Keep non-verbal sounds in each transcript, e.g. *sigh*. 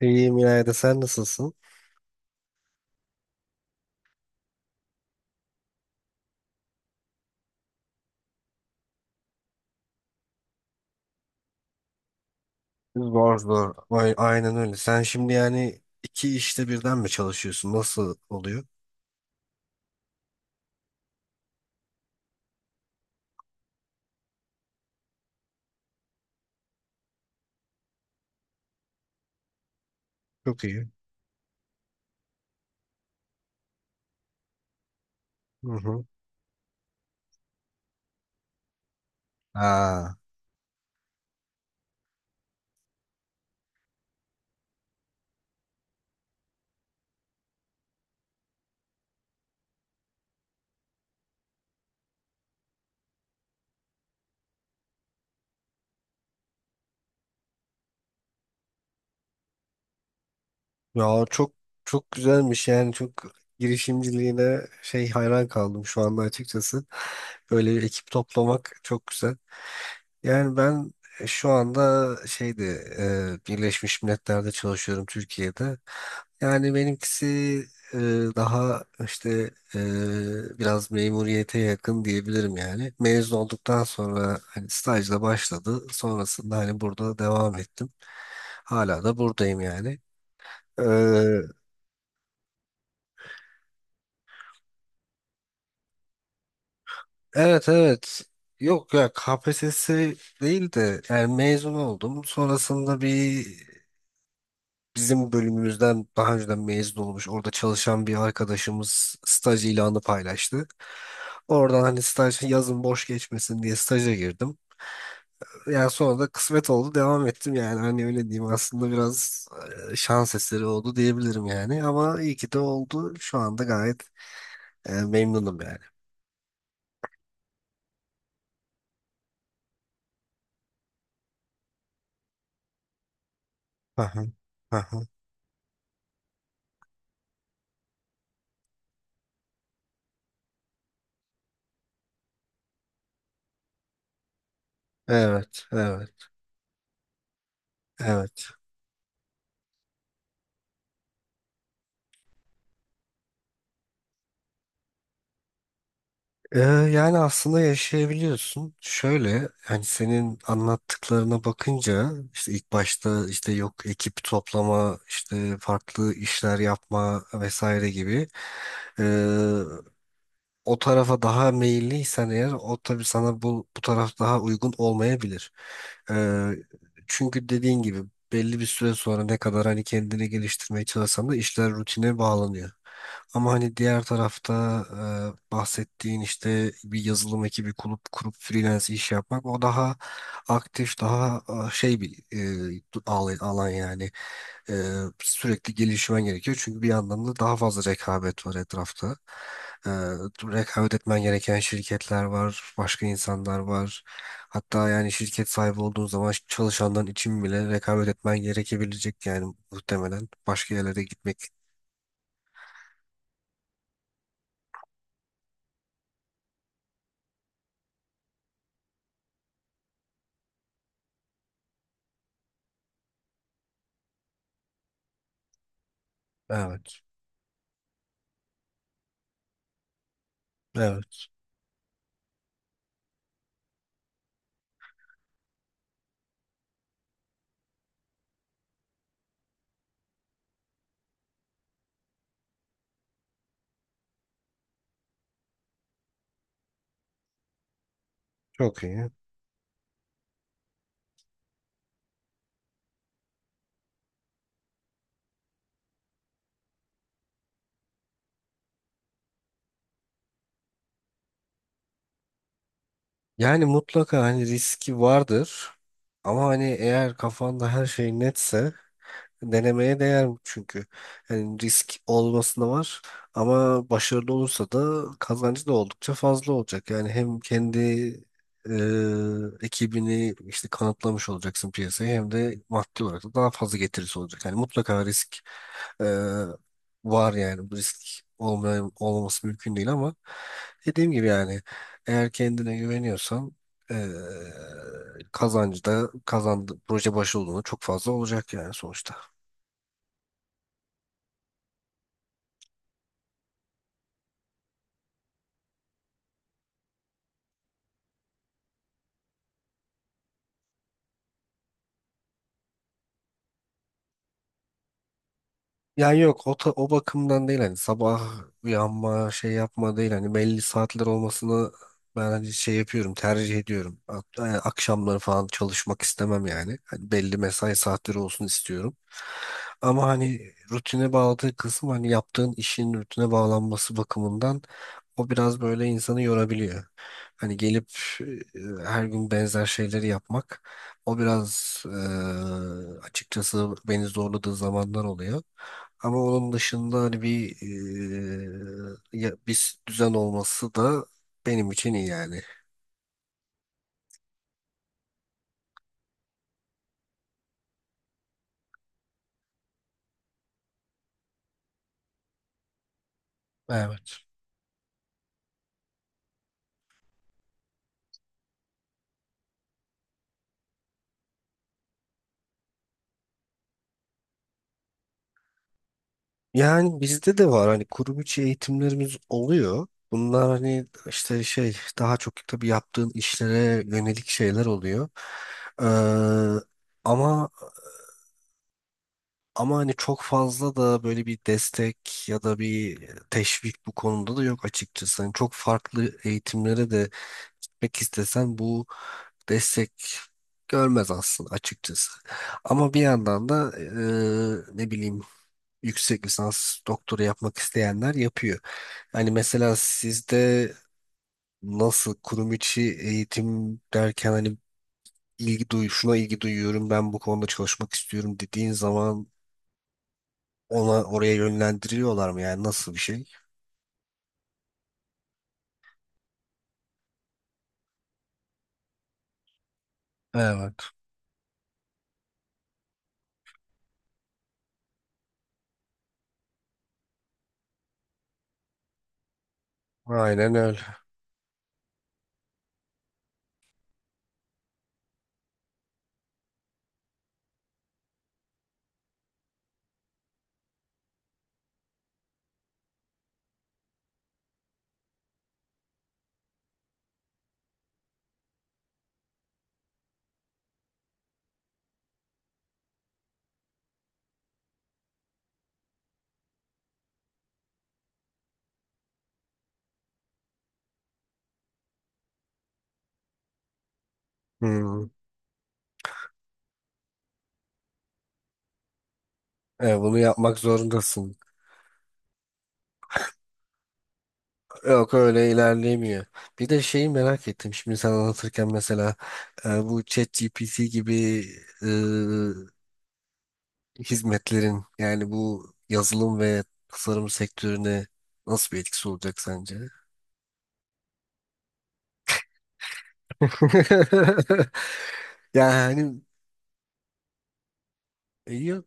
İyiyim İlayda, sen nasılsın? Zor zor. Aynen öyle. Sen şimdi yani iki işte birden mi çalışıyorsun? Nasıl oluyor? Çok iyi. Hı hı. Aa, ya çok çok güzelmiş yani çok Girişimciliğine şey hayran kaldım şu anda açıkçası. Böyle bir ekip toplamak çok güzel. Yani ben şu anda şeyde Birleşmiş Milletler'de çalışıyorum Türkiye'de. Yani benimkisi e, daha işte biraz memuriyete yakın diyebilirim yani. Mezun olduktan sonra hani stajla başladı. Sonrasında hani burada devam ettim. Hala da buradayım yani. E, evet, evet. Yok ya KPSS değil de, yani mezun oldum. Sonrasında bir, bizim bölümümüzden daha önceden mezun olmuş orada çalışan bir arkadaşımız staj ilanı paylaştı. Oradan hani staj yazın boş geçmesin diye staja girdim. Yani sonra da kısmet oldu devam ettim yani, hani öyle diyeyim. Aslında biraz şans eseri oldu diyebilirim yani, ama iyi ki de oldu. Şu anda gayet memnunum yani. Aha, aha. Evet, evet, evet. Yani aslında yaşayabiliyorsun. Şöyle, hani senin anlattıklarına bakınca işte ilk başta işte yok ekip toplama işte farklı işler yapma vesaire gibi, ee, o tarafa daha meyilliysen eğer o tabii sana bu taraf daha uygun olmayabilir. Ee, çünkü dediğin gibi belli bir süre sonra ne kadar hani kendini geliştirmeye çalışsan da işler rutine bağlanıyor. Ama hani diğer tarafta bahsettiğin işte bir yazılım ekibi kurup freelance iş yapmak, o daha aktif, daha bir alan alan yani. E, sürekli gelişmen gerekiyor çünkü bir yandan da daha fazla rekabet var etrafta. E, rekabet etmen gereken şirketler var, başka insanlar var. Hatta yani şirket sahibi olduğun zaman çalışanların için bile rekabet etmen gerekebilecek yani, muhtemelen başka yerlere gitmek. Evet. Evet. Çok iyi. Yani mutlaka hani riski vardır. Ama hani eğer kafanda her şey netse, denemeye değer çünkü. Yani risk olmasına var ama başarılı olursa da kazancı da oldukça fazla olacak. Yani hem kendi e, ekibini işte kanıtlamış olacaksın piyasaya, hem de maddi olarak da daha fazla getirisi olacak. Yani mutlaka risk e, var yani. Bu risk olmayan, olmaması mümkün değil, ama dediğim gibi yani, eğer kendine güveniyorsan e, kazancı da kazandı, proje başarılı olduğunda çok fazla olacak yani sonuçta. Ya yok o bakımdan değil, hani sabah uyanma şey yapma değil, hani belli saatler olmasını ben hani şey yapıyorum, tercih ediyorum. Hatta yani akşamları falan çalışmak istemem yani. Hani belli mesai saatleri olsun istiyorum. Ama hani rutine bağladığı kısım, hani yaptığın işin rutine bağlanması bakımından o biraz böyle insanı yorabiliyor. Hani gelip her gün benzer şeyleri yapmak, o biraz açıkçası beni zorladığı zamanlar oluyor. Ama onun dışında hani bir bir düzen olması da benim için iyi yani. Evet. Yani bizde de var hani, kurum içi eğitimlerimiz oluyor. Bunlar hani işte şey daha çok tabii yaptığın işlere yönelik şeyler oluyor. Ee, ama ama hani çok fazla da böyle bir destek ya da bir teşvik bu konuda da yok açıkçası. Hani çok farklı eğitimlere de gitmek istesen bu destek görmez aslında açıkçası. Ama bir yandan da ne bileyim, yüksek lisans doktora yapmak isteyenler yapıyor. Hani mesela sizde nasıl, kurum içi eğitim derken hani ilgi duy şuna ilgi duyuyorum ben, bu konuda çalışmak istiyorum dediğin zaman oraya yönlendiriyorlar mı, yani nasıl bir şey? Evet. Aynen öyle. Hmm. Evet, bunu yapmak zorundasın. Yok öyle ilerleyemiyor. Bir de şeyi merak ettim. Şimdi sen anlatırken mesela bu ChatGPT gibi e, hizmetlerin yani bu yazılım ve tasarım sektörüne nasıl bir etkisi olacak sence? *laughs* Yani yok.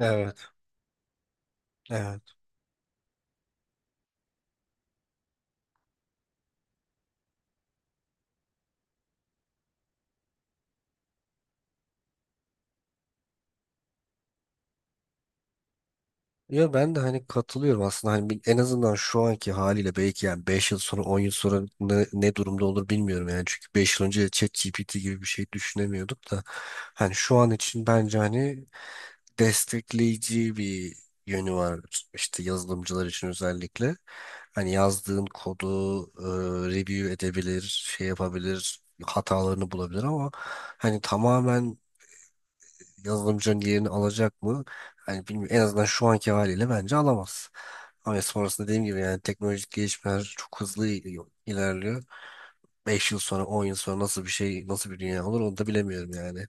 Evet. Evet. Ya ben de hani katılıyorum aslında. En azından şu anki haliyle, belki yani beş yıl sonra 10 yıl sonra ne durumda olur bilmiyorum yani, çünkü 5 yıl önce ChatGPT gibi bir şey düşünemiyorduk da. Hani şu an için bence hani destekleyici bir yönü var işte, yazılımcılar için özellikle. Hani yazdığın kodu review edebilir, şey yapabilir, hatalarını bulabilir, ama hani tamamen yazılımcının yerini alacak mı? Hani bilmiyorum. En azından şu anki haliyle bence alamaz. Ama sonrasında dediğim gibi yani teknolojik gelişmeler çok ilerliyor. 5 yıl sonra 10 yıl sonra nasıl bir şey, nasıl bir dünya olur, onu da bilemiyorum yani.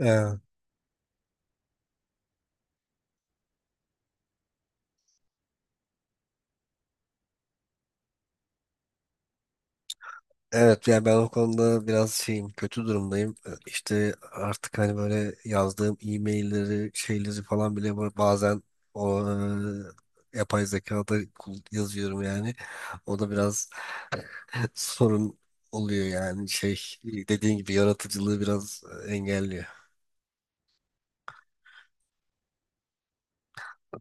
Ee, Evet yani ben o konuda biraz şeyim, kötü durumdayım. İşte artık hani böyle yazdığım e-mailleri şeyleri falan bile bazen o yapay zekada yazıyorum yani. O da biraz *laughs* sorun oluyor yani, şey dediğin gibi, yaratıcılığı biraz engelliyor.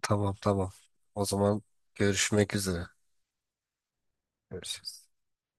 Tamam tamam. O zaman görüşmek üzere. Görüşürüz.